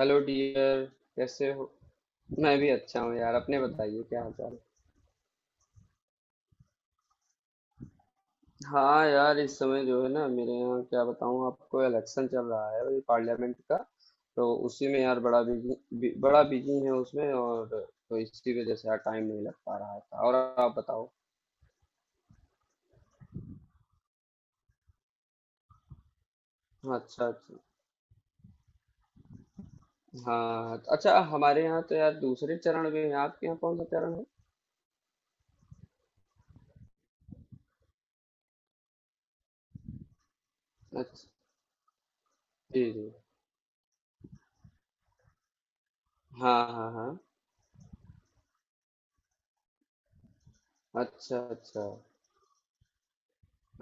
Hello dear. कैसे हो? मैं भी अच्छा हूँ यार, अपने बताइए, क्या हाल चाल है? हाँ यार, इस समय जो है ना मेरे यहाँ क्या बताऊँ आपको, इलेक्शन चल रहा है, वही पार्लियामेंट का। तो उसी में यार बड़ा बिजी है उसमें, और तो इसी वजह से यार टाइम नहीं लग पा रहा था। और आप बताओ। अच्छा, अच्छा। हाँ, अच्छा। हमारे यहाँ तो यार दूसरे चरण में है, आपके यहाँ कौन सा चरण है? अच्छा। जी, जी। हाँ, हाँ, हाँ। अच्छा, अच्छा।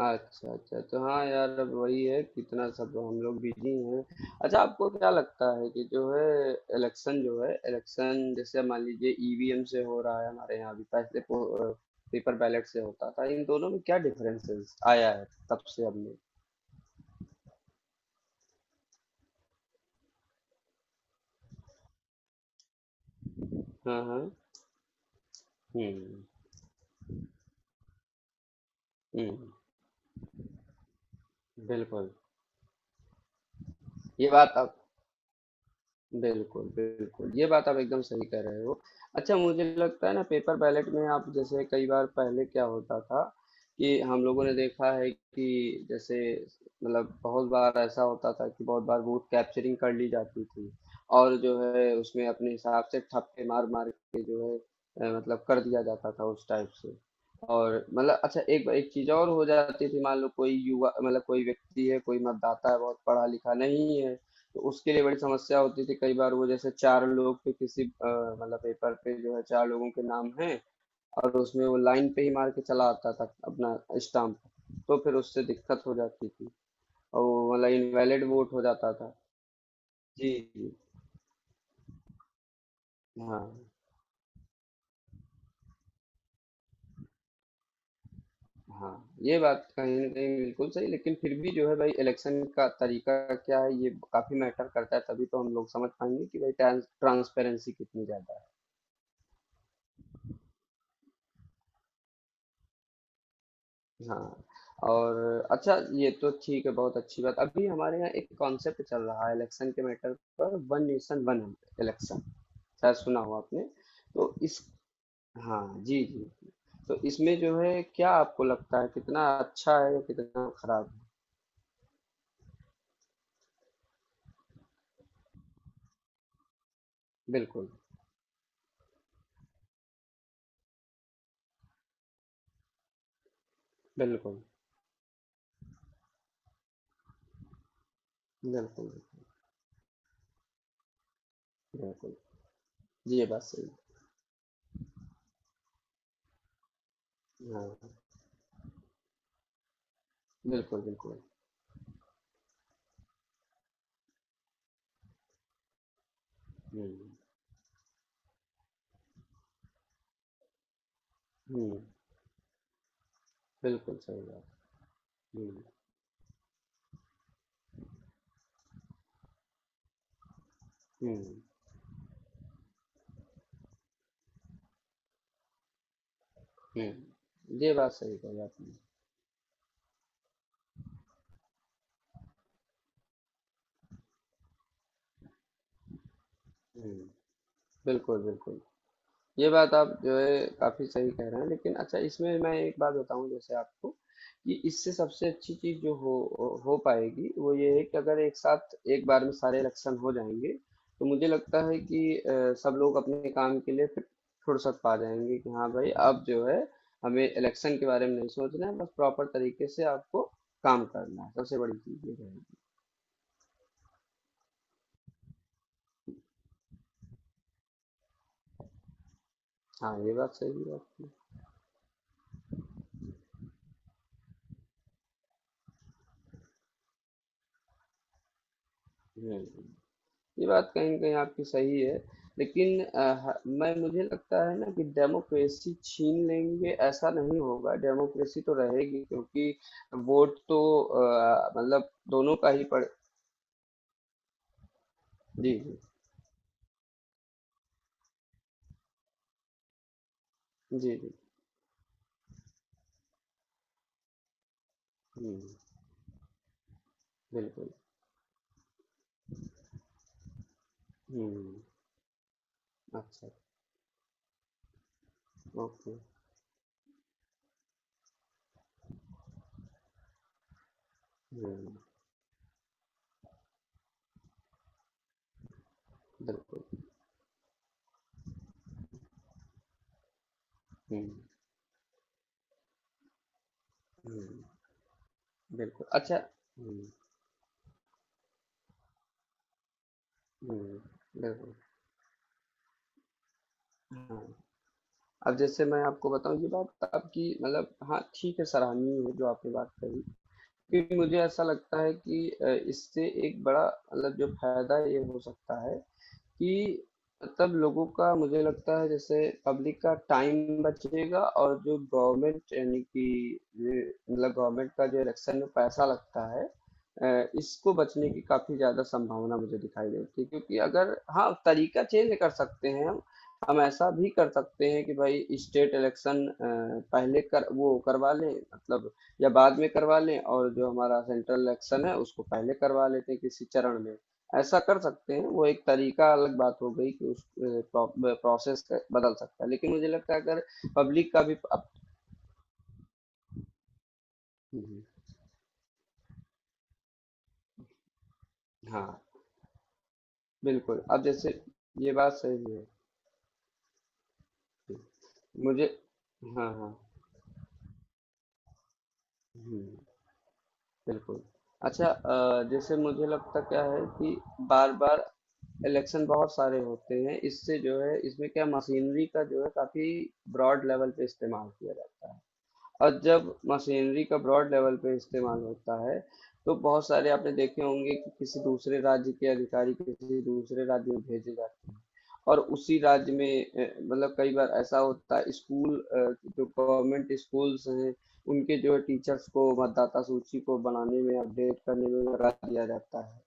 अच्छा, अच्छा, तो हाँ यार, अब वही है, कितना सब हम लोग बिजी हैं। अच्छा, आपको क्या लगता है कि जो है इलेक्शन जैसे मान लीजिए ईवीएम से हो रहा है हमारे यहाँ? अभी पहले पेपर बैलेट से होता था, इन दोनों में क्या डिफरेंसेस आया है तब से अब में? हाँ, हाँ। हम्म, हम्म। बिल्कुल। ये बात आप बिल्कुल, बिल्कुल। ये बात आप एकदम सही कह रहे हो। अच्छा, मुझे लगता है ना पेपर बैलेट में आप जैसे कई बार पहले क्या होता था कि हम लोगों ने देखा है कि जैसे मतलब बहुत बार ऐसा होता था कि बहुत बार वोट कैप्चरिंग कर ली जाती थी, और जो है उसमें अपने हिसाब से ठप्पे मार-मार के जो है मतलब कर दिया जाता था उस टाइप से। और मतलब अच्छा, एक एक चीज़ और हो जाती थी, मान लो कोई युवा मतलब कोई व्यक्ति है, कोई मतदाता है, बहुत पढ़ा-लिखा नहीं है। तो उसके लिए बड़ी समस्या होती थी, कई बार वो जैसे चार लोग पे किसी मतलब पेपर पे जो है चार लोगों के नाम हैं। और उसमें वो लाइन पे ही मार के चला आता था अपना स्टाम्प। तो फिर उससे दिक्कत हो जाती थी, और वो मतलब इनवैलिड वोट हो जाता था। जी, जी। हाँ, हाँ। ये बात कहीं ना कहीं बिल्कुल सही, लेकिन फिर भी जो है भाई इलेक्शन का तरीका क्या है ये काफी मैटर करता है। तभी तो हम लोग समझ पाएंगे कि भाई ट्रांसपेरेंसी कितनी ज्यादा है। हाँ। और अच्छा, ये तो ठीक है, बहुत अच्छी बात। अभी हमारे यहाँ एक कॉन्सेप्ट चल रहा है इलेक्शन के मैटर पर, वन नेशन वन इलेक्शन, शायद सुना हो आपने। तो इस हाँ, जी, जी। तो इसमें जो है, क्या आपको लगता है कितना अच्छा है या कितना खराब है? बिल्कुल, बिल्कुल, बिल्कुल, बिल्कुल। जी, ये बात सही है। हाँ, बिल्कुल, बिल्कुल। हम्म, हम्म। बिल्कुल सही बात। हम्म, हम्म, हम्म। ये बात सही कही आपने। हम्म। बिल्कुल, बिल्कुल। ये बात आप जो है काफी सही कह रहे हैं, लेकिन अच्छा इसमें मैं एक बात बताऊं जैसे आपको, कि इससे सबसे अच्छी चीज जो हो पाएगी वो ये है कि अगर एक साथ एक बार में सारे इलेक्शन हो जाएंगे। तो मुझे लगता है कि सब लोग अपने काम के लिए फिर फुर्सत पा जाएंगे कि हाँ भाई, अब जो है हमें इलेक्शन के बारे में नहीं सोचना है, बस प्रॉपर तरीके से आपको काम करना है। सबसे बड़ी चीज ये रहेगी। हाँ, ये बात सही है आपकी। हम्म, ये बात कहीं न कहीं आपकी सही है, लेकिन अ, ह मैं मुझे लगता है ना कि डेमोक्रेसी छीन लेंगे ऐसा नहीं होगा, डेमोक्रेसी तो रहेगी, क्योंकि वोट तो मतलब दोनों का ही पड़। जी, जी। जी, जी। हुँ, बिल्कुल। हुँ, अच्छा, ओके। हुँ, बिल्कुल। हुँ, हुँ, बिल्कुल। अच्छा। हुँ, हुँ, बिल्कुल। हाँ, अब जैसे मैं आपको बताऊँ, ये बात आपकी मतलब हाँ, ठीक है, सराहनीय है जो आपने बात कही। क्योंकि मुझे ऐसा लगता है कि इससे एक बड़ा मतलब जो फ़ायदा ये हो सकता है कि मतलब लोगों का, मुझे लगता है जैसे पब्लिक का टाइम बचेगा, और जो गवर्नमेंट यानी कि ये मतलब गवर्नमेंट का जो इलेक्शन में पैसा लगता है। इसको बचने की काफी ज्यादा संभावना मुझे दिखाई देती है, क्योंकि अगर हाँ तरीका चेंज कर सकते हैं हम। हम ऐसा भी कर सकते हैं कि भाई स्टेट इलेक्शन पहले कर वो करवा लें, मतलब या बाद में करवा लें, और जो हमारा सेंट्रल इलेक्शन है उसको पहले करवा लेते हैं किसी चरण में। ऐसा कर सकते हैं, वो एक तरीका। अलग बात हो गई कि उस प्रोसेस बदल सकता है, लेकिन मुझे लगता है अगर पब्लिक का भी अब, हम्म, हाँ, बिल्कुल, अब जैसे, ये बात सही है। मुझे, हाँ, हाँ। हम्म, बिल्कुल। अच्छा, जैसे मुझे लगता क्या है कि बार बार इलेक्शन बहुत सारे होते हैं, इससे जो है इसमें क्या मशीनरी का जो है काफी ब्रॉड लेवल पे इस्तेमाल किया जाता है। और जब मशीनरी का ब्रॉड लेवल पे इस्तेमाल होता है, तो बहुत सारे आपने देखे होंगे कि किसी दूसरे राज्य के अधिकारी किसी दूसरे राज्य में भेजे जाते हैं, और उसी राज्य में मतलब कई बार ऐसा होता है स्कूल, जो गवर्नमेंट स्कूल्स हैं, उनके जो है टीचर्स को मतदाता सूची को बनाने में अपडेट करने में लगा दिया जाता है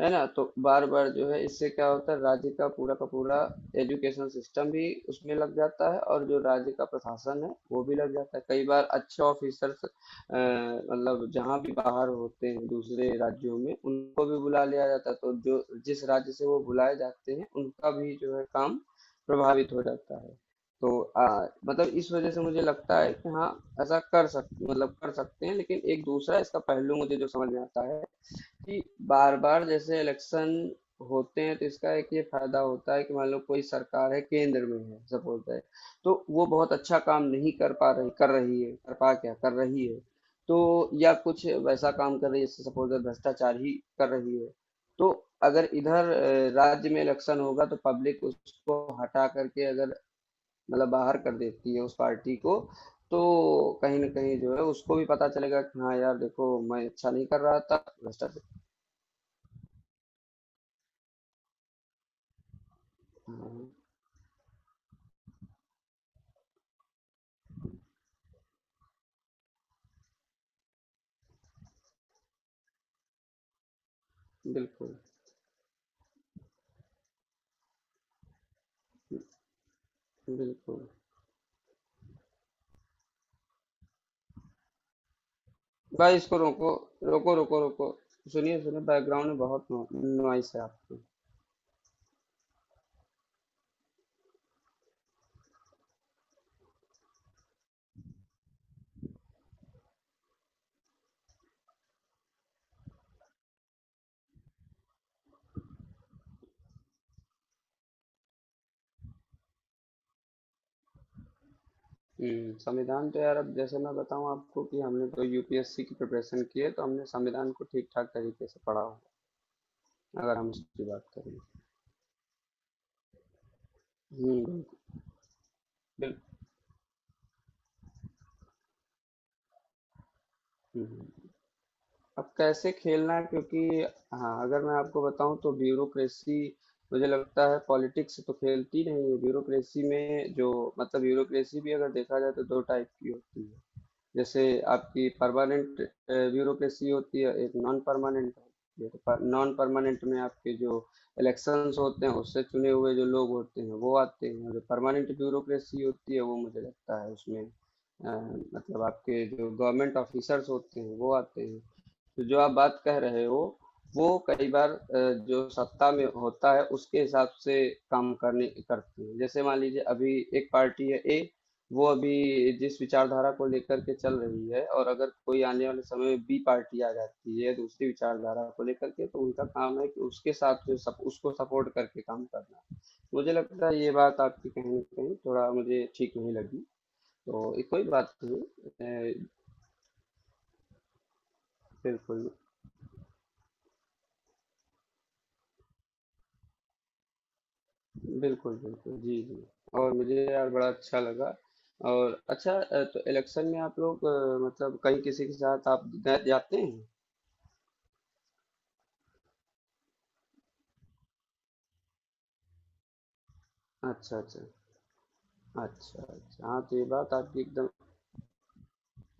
है ना। तो बार बार जो है इससे क्या होता है, राज्य का पूरा एजुकेशन सिस्टम भी उसमें लग जाता है, और जो राज्य का प्रशासन है वो भी लग जाता है। कई बार अच्छे ऑफिसर्स, मतलब जहाँ भी बाहर होते हैं दूसरे राज्यों में, उनको भी बुला लिया जाता है, तो जो जिस राज्य से वो बुलाए जाते हैं उनका भी जो है काम प्रभावित हो जाता है। तो मतलब इस वजह से मुझे लगता है कि हाँ, ऐसा कर सक मतलब कर सकते हैं, लेकिन एक दूसरा इसका पहलू मुझे जो समझ में आता है कि बार-बार जैसे इलेक्शन होते हैं, तो इसका एक ये फायदा होता है कि मान लो कोई सरकार है केंद्र में है सपोज दैट, तो वो बहुत अच्छा काम नहीं कर पा रही, कर रही है, कर पा क्या कर रही है, तो या कुछ वैसा काम कर रही है जैसे सपोज दैट भ्रष्टाचार ही कर रही है। तो अगर इधर राज्य में इलेक्शन होगा, तो पब्लिक उसको हटा करके अगर मतलब बाहर कर देती है उस पार्टी को, तो कहीं ना कहीं जो है उसको भी पता चलेगा कि हाँ यार देखो, मैं अच्छा नहीं कर रहा था, भ्रष्टाचार। हाँ, बिल्कुल, बिल्कुल। भाई इसको रोको, रोको, रोको, रोको। सुनिए, सुनिए, बैकग्राउंड में बहुत नो नॉइस है आपकी। हुँ, संविधान तो यार अब जैसे मैं बताऊँ आपको कि हमने तो यूपीएससी की प्रिपरेशन की है, तो हमने संविधान को ठीक-ठाक तरीके से पढ़ा होगा, अगर हम उसकी बात करें। हुँ, बिल हुँ, हुँ। अब कैसे खेलना है, क्योंकि हाँ, अगर मैं आपको बताऊँ तो ब्यूरोक्रेसी, मुझे लगता है पॉलिटिक्स तो खेलती नहीं है। ब्यूरोक्रेसी में जो मतलब, ब्यूरोक्रेसी भी अगर देखा जाए तो 2 टाइप की होती है। जैसे आपकी परमानेंट ब्यूरोक्रेसी होती है, एक नॉन परमानेंट होती है। नॉन परमानेंट में आपके जो इलेक्शंस होते हैं उससे चुने हुए जो लोग होते हैं वो आते हैं। जो परमानेंट ब्यूरोक्रेसी होती है वो, मुझे लगता है उसमें मतलब आपके जो गवर्नमेंट ऑफिसर्स होते हैं वो आते हैं। तो जो आप बात कह रहे हो वो कई बार जो सत्ता में होता है उसके हिसाब से काम करने करती है। जैसे मान लीजिए अभी एक पार्टी है ए, वो अभी जिस विचारधारा को लेकर के चल रही है, और अगर कोई आने वाले समय में बी पार्टी आ जाती है दूसरी विचारधारा को लेकर के, तो उनका काम है कि उसके साथ उसको सपोर्ट करके काम करना। मुझे लगता है ये बात आपकी कहीं ना कहीं थोड़ा मुझे ठीक नहीं लगी, तो ये कोई बात नहीं। बिल्कुल, बिल्कुल, बिल्कुल। जी, जी। और मुझे यार बड़ा अच्छा लगा। और अच्छा, तो इलेक्शन में आप लोग, मतलब कहीं किसी के साथ आप गए जाते हैं? अच्छा, अच्छा। अच्छा, अच्छा। हाँ, तो ये बात आपकी एकदम।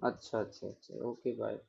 अच्छा, अच्छा, अच्छा। Okay, bye.